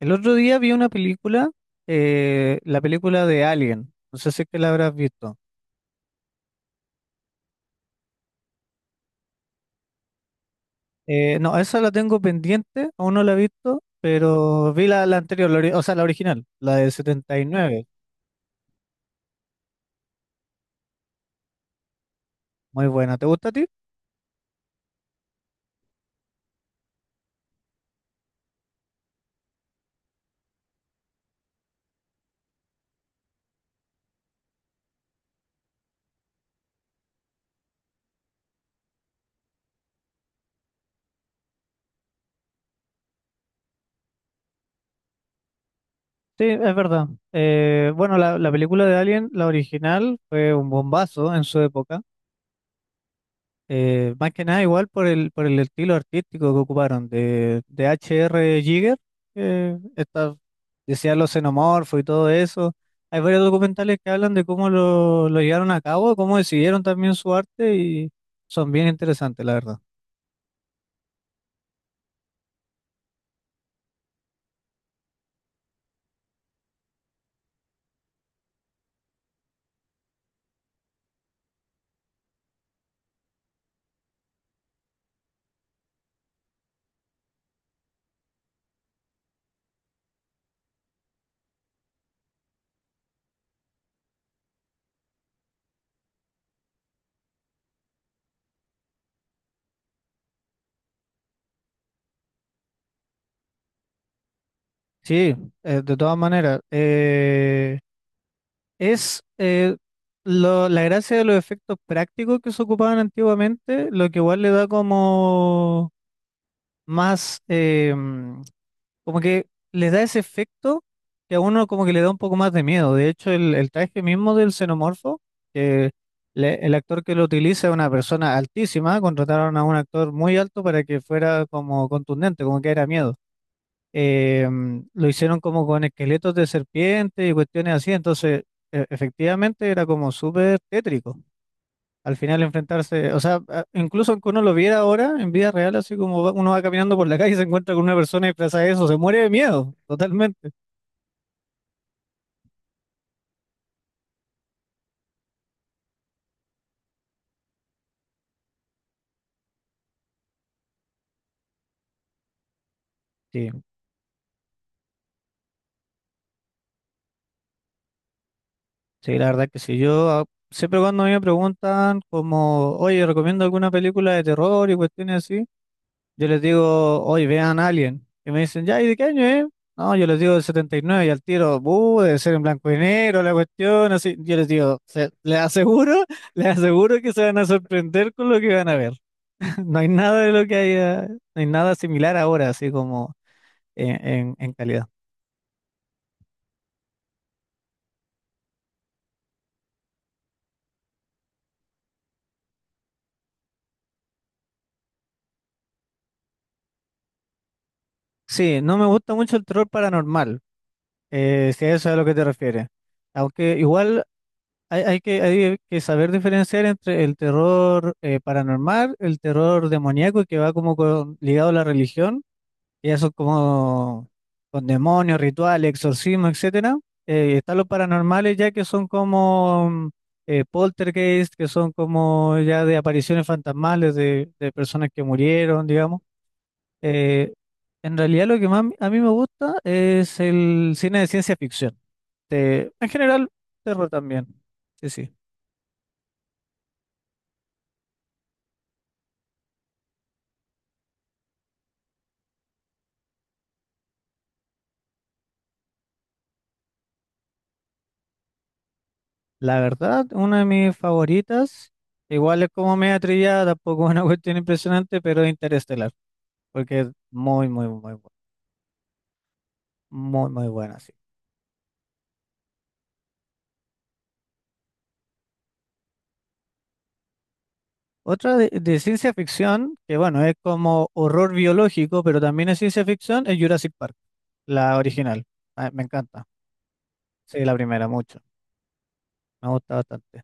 El otro día vi una película, la película de Alien. No sé si es que la habrás visto. No, esa la tengo pendiente, aún no la he visto, pero vi la anterior, o sea, la original, la del 79. Muy buena. ¿Te gusta a ti? Sí, es verdad. Bueno, la película de Alien, la original, fue un bombazo en su época. Más que nada igual por el estilo artístico que ocuparon de H.R. Giger, que está, decía los xenomorfos y todo eso. Hay varios documentales que hablan de cómo lo llevaron a cabo, cómo decidieron también su arte y son bien interesantes, la verdad. Sí, de todas maneras, es eh, la gracia de los efectos prácticos que se ocupaban antiguamente, lo que igual le da como más, como que le da ese efecto que a uno como que le da un poco más de miedo. De hecho, el traje mismo del xenomorfo, que el actor que lo utiliza es una persona altísima. Contrataron a un actor muy alto para que fuera como contundente, como que era miedo. Lo hicieron como con esqueletos de serpiente y cuestiones así. Entonces efectivamente era como súper tétrico. Al final enfrentarse, o sea, incluso aunque uno lo viera ahora en vida real, así como uno va caminando por la calle y se encuentra con una persona disfrazada de eso, se muere de miedo, totalmente. Sí, sí, la verdad que sí. Yo siempre cuando a mí me preguntan como, oye, recomiendo alguna película de terror y cuestiones así, yo les digo, oye, vean Alien. Y me dicen, ya, ¿y de qué año es? No, yo les digo del 79 y nueve y al tiro: Debe ser en blanco y negro la cuestión, así». Yo les digo: Les aseguro, les aseguro que se van a sorprender con lo que van a ver». No hay nada de lo que haya, no hay nada similar ahora, así como en calidad. Sí, no me gusta mucho el terror paranormal, si a eso es a lo que te refieres. Aunque igual hay que saber diferenciar entre el terror paranormal, el terror demoníaco, que va como ligado a la religión. Y eso como con demonios, rituales, exorcismo, etcétera. Están los paranormales, ya que son como poltergeist, que son como ya de apariciones fantasmales de personas que murieron, digamos. Eh, en realidad lo que más a mí me gusta es el cine de ciencia ficción. En general, terror también. Sí, sí. La verdad, una de mis favoritas, igual es como media trillada, tampoco es una cuestión impresionante, pero es Interestelar, porque es muy, muy, muy, muy, muy buena, sí. Otra de ciencia ficción, que bueno, es como horror biológico, pero también es ciencia ficción, es Jurassic Park, la original. Ah, me encanta. Sí, la primera, mucho. Me gusta bastante.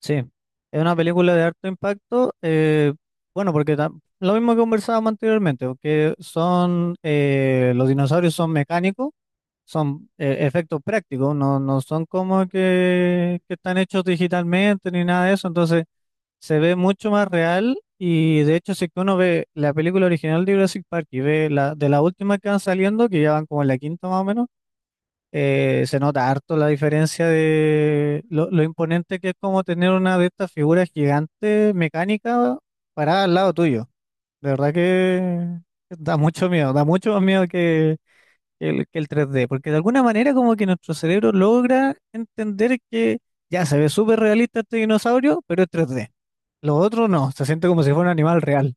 Sí, es una película de harto impacto. Bueno, porque lo mismo que conversábamos anteriormente, que son, los dinosaurios son mecánicos, son efectos prácticos, no son como que están hechos digitalmente ni nada de eso. Entonces se ve mucho más real, y de hecho, si que uno ve la película original de Jurassic Park y ve la de las últimas que van saliendo, que ya van como en la quinta más o menos, se nota harto la diferencia de lo imponente que es como tener una de estas figuras gigantes mecánicas parada al lado tuyo. De verdad que da mucho miedo, da mucho más miedo que el tres d, porque de alguna manera como que nuestro cerebro logra entender que ya se ve súper realista este dinosaurio, pero es 3D. Lo otro no, se siente como si fuera un animal real.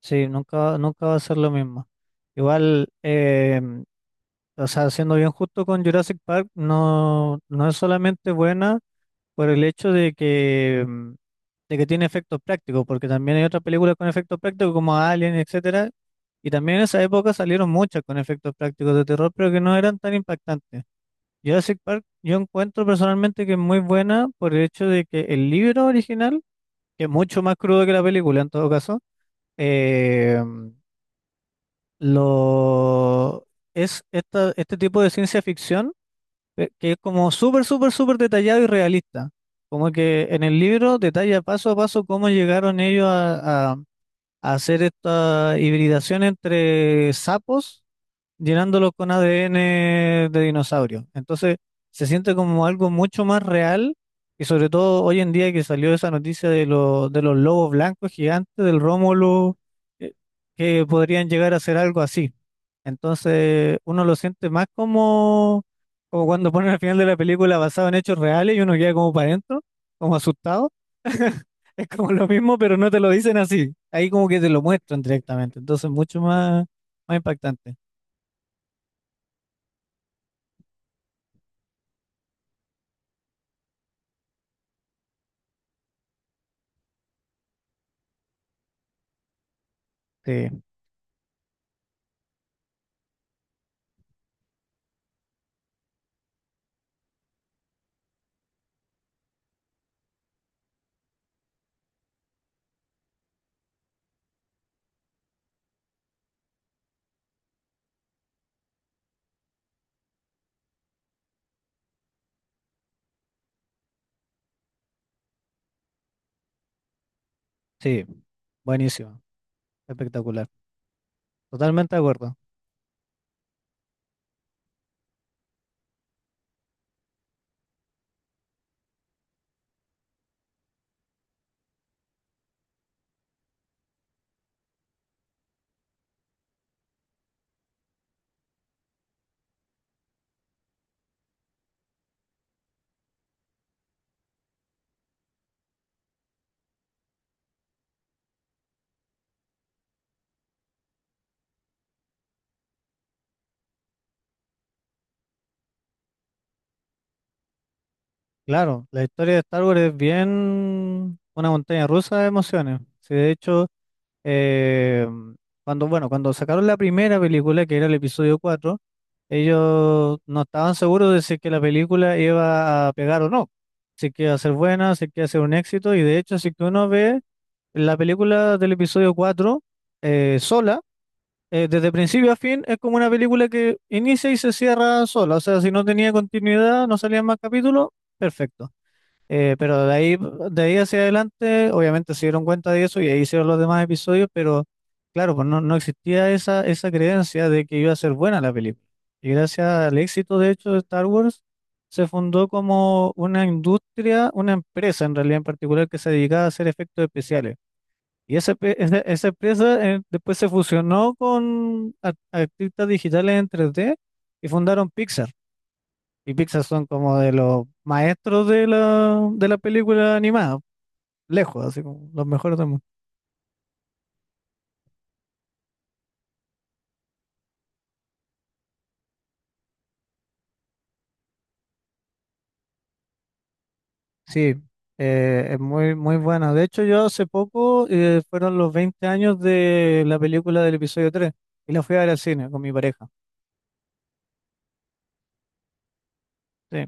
Sí, nunca, nunca va a ser lo mismo. Igual, o sea, siendo bien justo con Jurassic Park, no es solamente buena por el hecho de que tiene efectos prácticos, porque también hay otras películas con efectos prácticos como Alien, etcétera, y también en esa época salieron muchas con efectos prácticos de terror, pero que no eran tan impactantes. Jurassic Park, yo encuentro personalmente que es muy buena por el hecho de que el libro original, que es mucho más crudo que la película en todo caso, Eh, lo, este tipo de ciencia ficción, que es como súper, súper, súper detallado y realista. Como que en el libro detalla paso a paso cómo llegaron ellos a hacer esta hibridación entre sapos llenándolo con ADN de dinosaurio. Entonces se siente como algo mucho más real, y sobre todo hoy en día que salió esa noticia de los lobos blancos gigantes, del Rómulo, eh, que podrían llegar a ser algo así. Entonces uno lo siente más como cuando ponen al final de la película basado en hechos reales, y uno queda como para adentro, como asustado. Es como lo mismo, pero no te lo dicen así. Ahí como que te lo muestran directamente. Entonces mucho más, más impactante. Sí. Sí, buenísimo, espectacular. Totalmente de acuerdo. Claro, la historia de Star Wars es bien una montaña rusa de emociones. Sí, de hecho, eh, cuando sacaron la primera película, que era el episodio 4, ellos no estaban seguros de si que la película iba a pegar o no, si que iba a ser buena, si que iba a ser un éxito. Y de hecho, si que uno ve la película del episodio 4 sola, desde principio a fin, es como una película que inicia y se cierra sola. O sea, si no tenía continuidad, no salían más capítulos, perfecto. Pero de ahí hacia adelante, obviamente se dieron cuenta de eso y ahí hicieron los demás episodios, pero claro, pues no existía esa creencia de que iba a ser buena la película. Y gracias al éxito, de hecho, de Star Wars, se fundó como una industria, una empresa en realidad en particular que se dedicaba a hacer efectos especiales. Y esa empresa después se fusionó con artistas digitales en 3D y fundaron Pixar. Y Pixar son como de los maestros de la película animada, lejos, así como los mejores del mundo. Sí, es muy, muy buena. De hecho, yo hace poco, fueron los 20 años de la película del episodio tres, y la fui a ver al cine con mi pareja. Sí.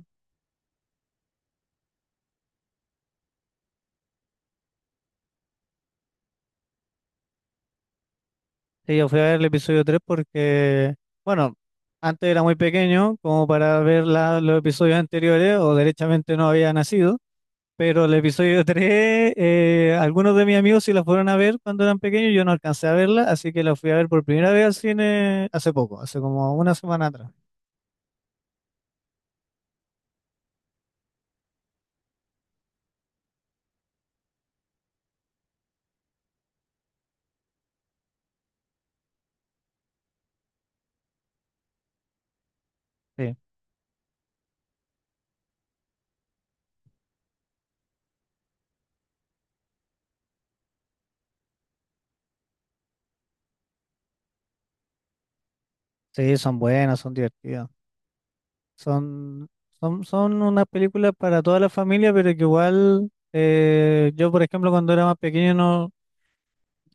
Sí, yo fui a ver el episodio 3 porque, bueno, antes era muy pequeño como para ver los episodios anteriores, o derechamente no había nacido, pero el episodio tres, algunos de mis amigos sí la fueron a ver cuando eran pequeños, yo no alcancé a verla, así que la fui a ver por primera vez al cine hace poco, hace como una semana atrás. Sí, sí, son buenas, son divertidas, son, son unas películas para toda la familia, pero que igual, yo, por ejemplo, cuando era más pequeño no,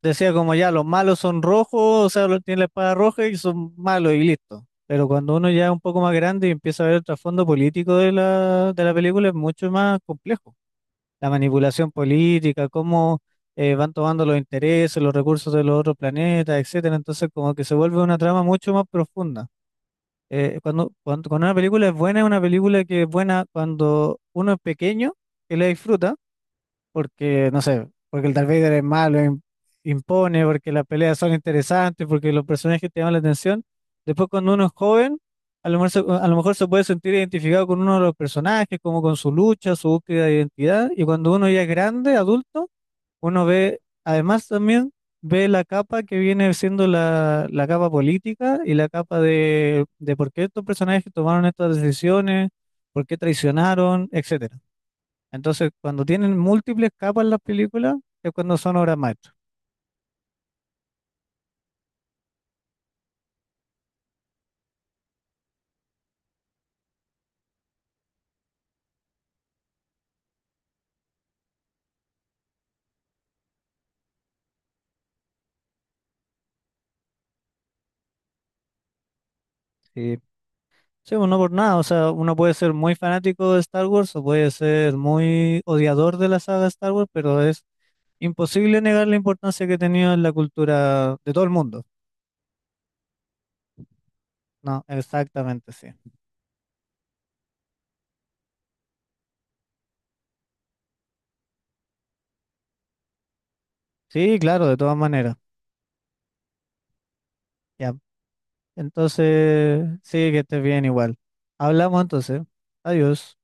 decía como ya, los malos son rojos, o sea, los tienen la espada roja y son malos, y listo. Pero cuando uno ya es un poco más grande y empieza a ver el trasfondo político de la película, es mucho más complejo. La manipulación política, cómo van tomando los intereses, los recursos de los otros planetas, etcétera. Entonces, como que se vuelve una trama mucho más profunda. Cuando una película es buena, es una película que es buena cuando uno es pequeño, que la disfruta porque, no sé, porque el Darth Vader es malo, impone, porque las peleas son interesantes, porque los personajes te llaman la atención. Después, cuando uno es joven, a lo mejor se puede sentir identificado con uno de los personajes, como con su lucha, su búsqueda de identidad, y cuando uno ya es grande, adulto, uno ve, además también ve la capa que viene siendo la capa política, y la capa de por qué estos personajes tomaron estas decisiones, por qué traicionaron, etcétera. Entonces, cuando tienen múltiples capas las películas, es cuando son obras maestras. Sí, sí, pues no por nada, o sea, uno puede ser muy fanático de Star Wars o puede ser muy odiador de la saga Star Wars, pero es imposible negar la importancia que ha tenido en la cultura de todo el mundo. No, exactamente, sí. Sí, claro, de todas maneras. Ya, entonces, sí, que estés bien igual. Hablamos entonces. Adiós.